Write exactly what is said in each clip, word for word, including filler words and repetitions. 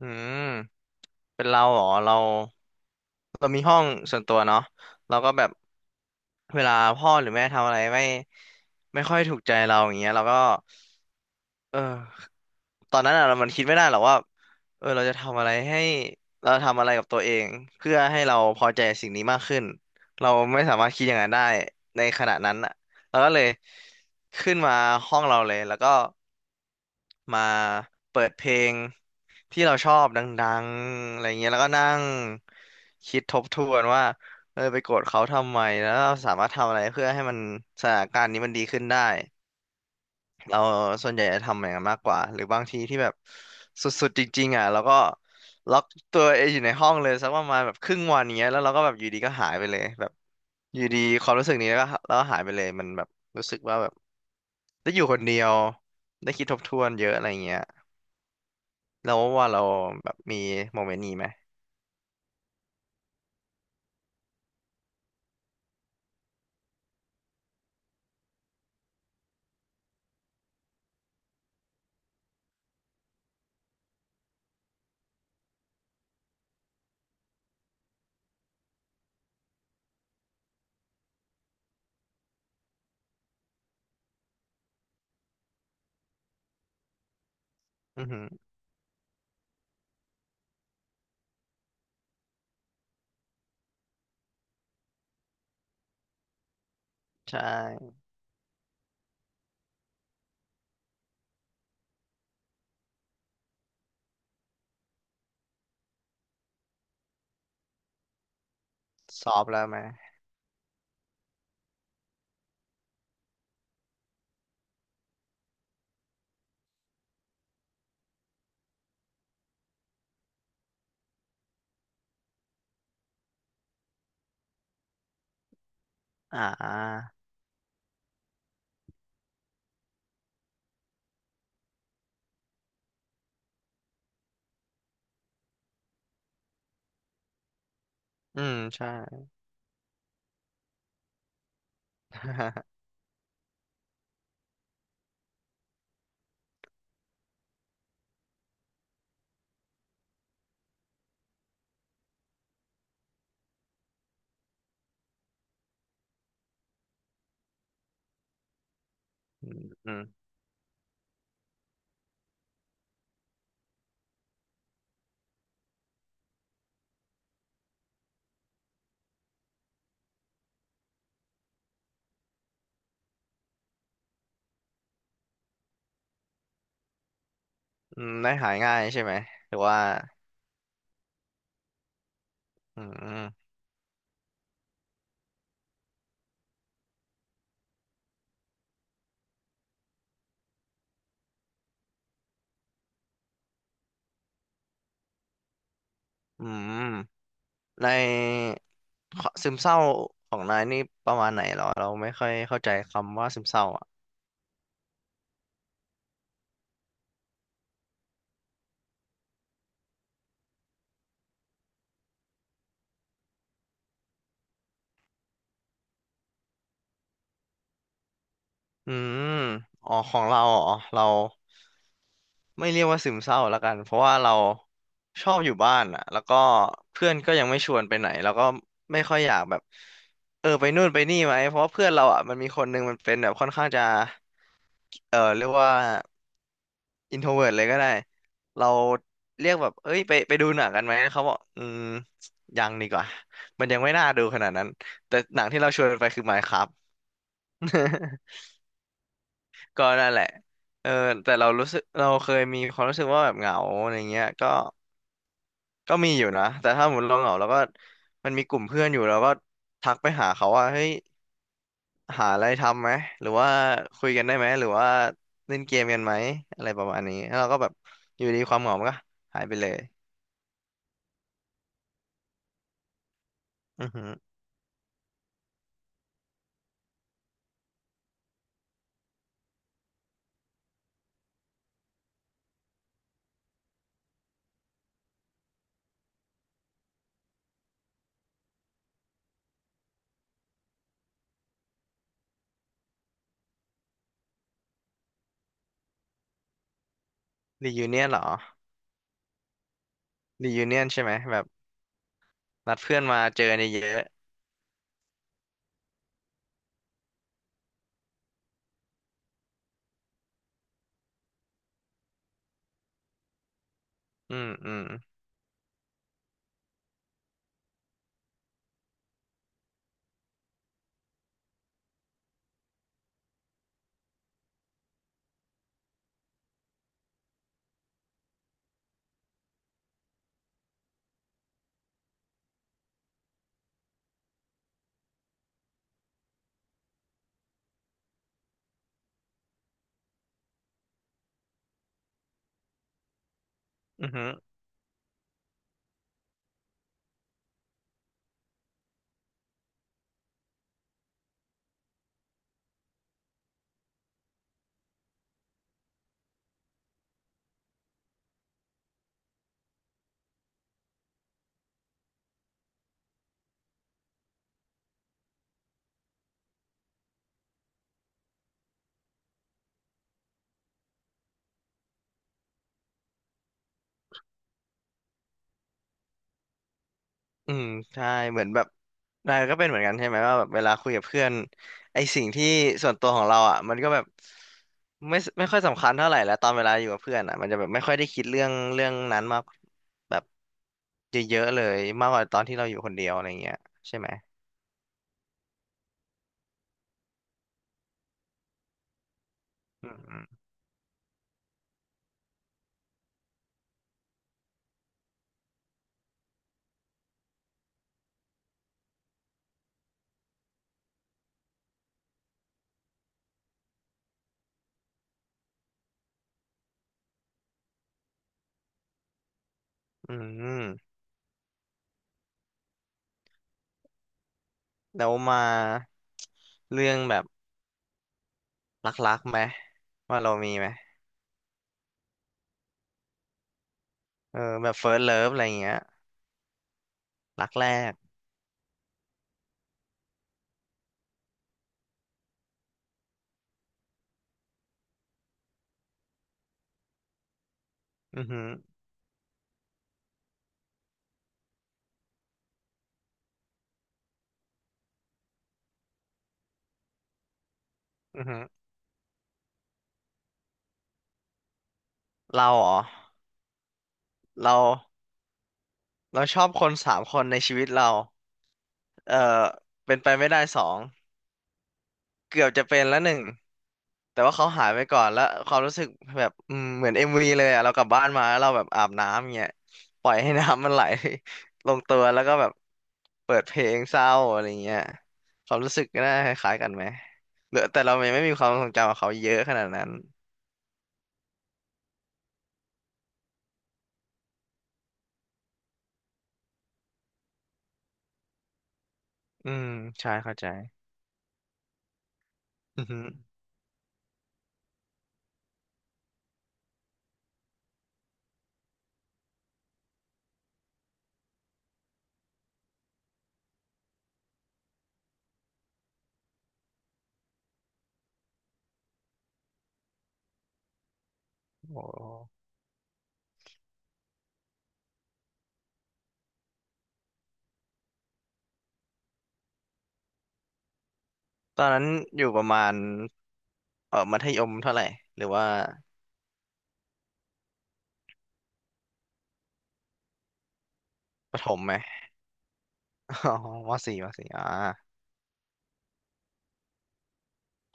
อืมเป็นเราเหรอเราเรามีห้องส่วนตัวเนาะเราก็แบบเวลาพ่อหรือแม่ทำอะไรไม่ไม่ค่อยถูกใจเราอย่างเงี้ยเราก็เออตอนนั้นอะเรามันคิดไม่ได้หรอกว่าเออเราจะทำอะไรให้เราทำอะไรกับตัวเองเพื่อให้เราพอใจสิ่งนี้มากขึ้นเราไม่สามารถคิดอย่างนั้นได้ในขณะนั้นอะเราก็เลยขึ้นมาห้องเราเลยแล้วก็ มาเปิดเพลงที่เราชอบดังๆอะไรเงี้ยแล้วก็นั่งคิดทบทวนว่าเออไปโกรธเขาทำไมแล้วเราสามารถทำอะไรเพื่อให้มันสถานการณ์นี้มันดีขึ้นได้เราส่วนใหญ่จะทำอย่างนั้นมากกว่าหรือบางทีที่แบบสุดๆจริงๆอ่ะแล้วก็ล็อกตัวเองอยู่ในห้องเลยสักประมาณแบบครึ่งวันเงี้ยแล้วเราก็แบบอยู่ดีก็หายไปเลยแบบอยู่ดีความรู้สึกนี้แล้วก็แล้วก็หายไปเลยมันแบบรู้สึกว่าแบบได้อยู่คนเดียวได้คิดทบทวนเยอะอะไรเงี้ย แล้วว่าเราแบบมีโมเมนต์นี้ไหมอือหือใช่สอบแล้วไหมอ่าอืมใช่ อืมอืมอืมได้หายง่ายใช่ไหมหรือว่าอืมอืมในขอซึมเศร้าของนายนี่ประมาณไหนเหรอเราไม่ค่อยเข้าใจคำว่าซึมเศร้าอ่ะอืมอ๋อของเราอ๋อเรา ไม่เรียกว่าซึมเศร้าละกันเพราะว่าเราชอบอยู่บ้านอ่ะแล้วก็เพื่อนก็ยังไม่ชวนไปไหนแล้วก็ไม่ค่อยอยากแบบเออไปนู่นไปนี่ไหมเพราะว่าเพื่อนเราอ่ะมันมีคนหนึงมันเป็นแบบค่อนข้างจะเออเรียกว่าอินโทรเวิร์ตเลยก็ได้เราเรียกแบบเอ้ยไปไปดูหนังกันไหมเขาบอกอืมยังดีกว่ามันยังไม่น่าดูขนาดนั้นแต่หนังที่เราชวนไปคือ m i n e c r a f ก็นั่นแหละเออแต่เรารู้สึกเราเคยมีความรู้สึกว่าแบบเหงาอะไรเงี้ยก็ ก็มีอยู่นะแต่ถ้าหมดเราเหงาเราก็มันมีกลุ่มเพื่อนอยู่เราก็ทักไปหาเขาว่าเฮ้ยหาอะไรทำไหมหรือว่าคุยกันได้ไหมหรือว่าเล่นเกมกันไหมอะไรประมาณนี้แล้วเราก็แบบอยู่ดีความเหงามันก็หายไปเลยอือหือรียูเนียนเหรอรียูเนียนใช่ไหมแบบนัดเพื่อนมาเจอกันเยอะๆอืมอืมอือหือ อืมใช่เหมือนแบบนายก็เป็นเหมือนกันใช่ไหมว่าแบบเวลาคุยกับเพื่อนไอสิ่งที่ส่วนตัวของเราอ่ะมันก็แบบไม่ไม่ค่อยสำคัญเท่าไหร่แล้วตอนเวลาอยู่กับเพื่อนอ่ะมันจะแบบไม่ค่อยได้คิดเรื่องเรื่องนั้นมากแบบเยอะๆเลยมากกว่าตอนที่เราอยู่คนเดียวอะไรเงี้ยใช่ไหมอืมอืมอืมแล้วมาเรื่องแบบรักๆไหมว่าเรามีไหมเออแบบ เฟิร์สต์ เลิฟ อะไรเงี้ยรักแรกอือหืออือหือเราเหรอเราเราชอบคนสามคนในชีวิตเรา เอ่อเป็นไปไม่ได้สองเกือบจะเป็นแล้วหนึ่งแต่ว่าเขาหายไปก่อนแล้วความรู้สึกแบบอืมเหมือนเอ็มวีเลยอะเรากลับบ้านมาแล้วเราแบบอาบน้ำเงี้ยปล่อยให้น้ำมันไหล ลงตัวแล้วก็แบบเปิดเพลงเศร้าอะไรเงี้ยความรู้สึกน่าคล้ายๆกันไหมเหรือแต่เรายังไม่มีความทรงจำกับเขาเยอะขนาดนั้นอืมใช่เข้าใจอือฮึโอ้ตอนนั้นอยู่ประมาณเออมัธยมเท่าไหร่หรือว่าประถมไหมอ๋อมอสี่ มอสี่อ่า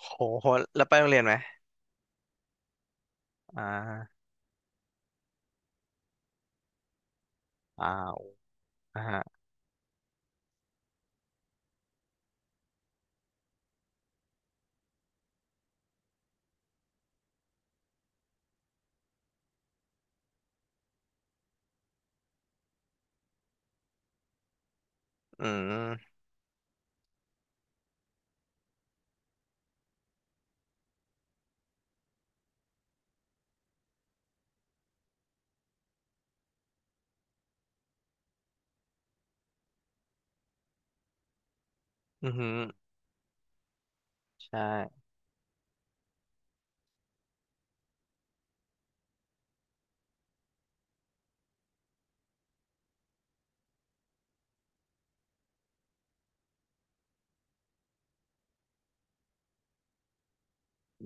โหโห แล้วไปโรงเรียนไหมอ่าอ่าอ่าฮะอืม อือหือใช่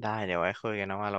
ได้ เดี๋ยวไว้คุยกันนะว่าโล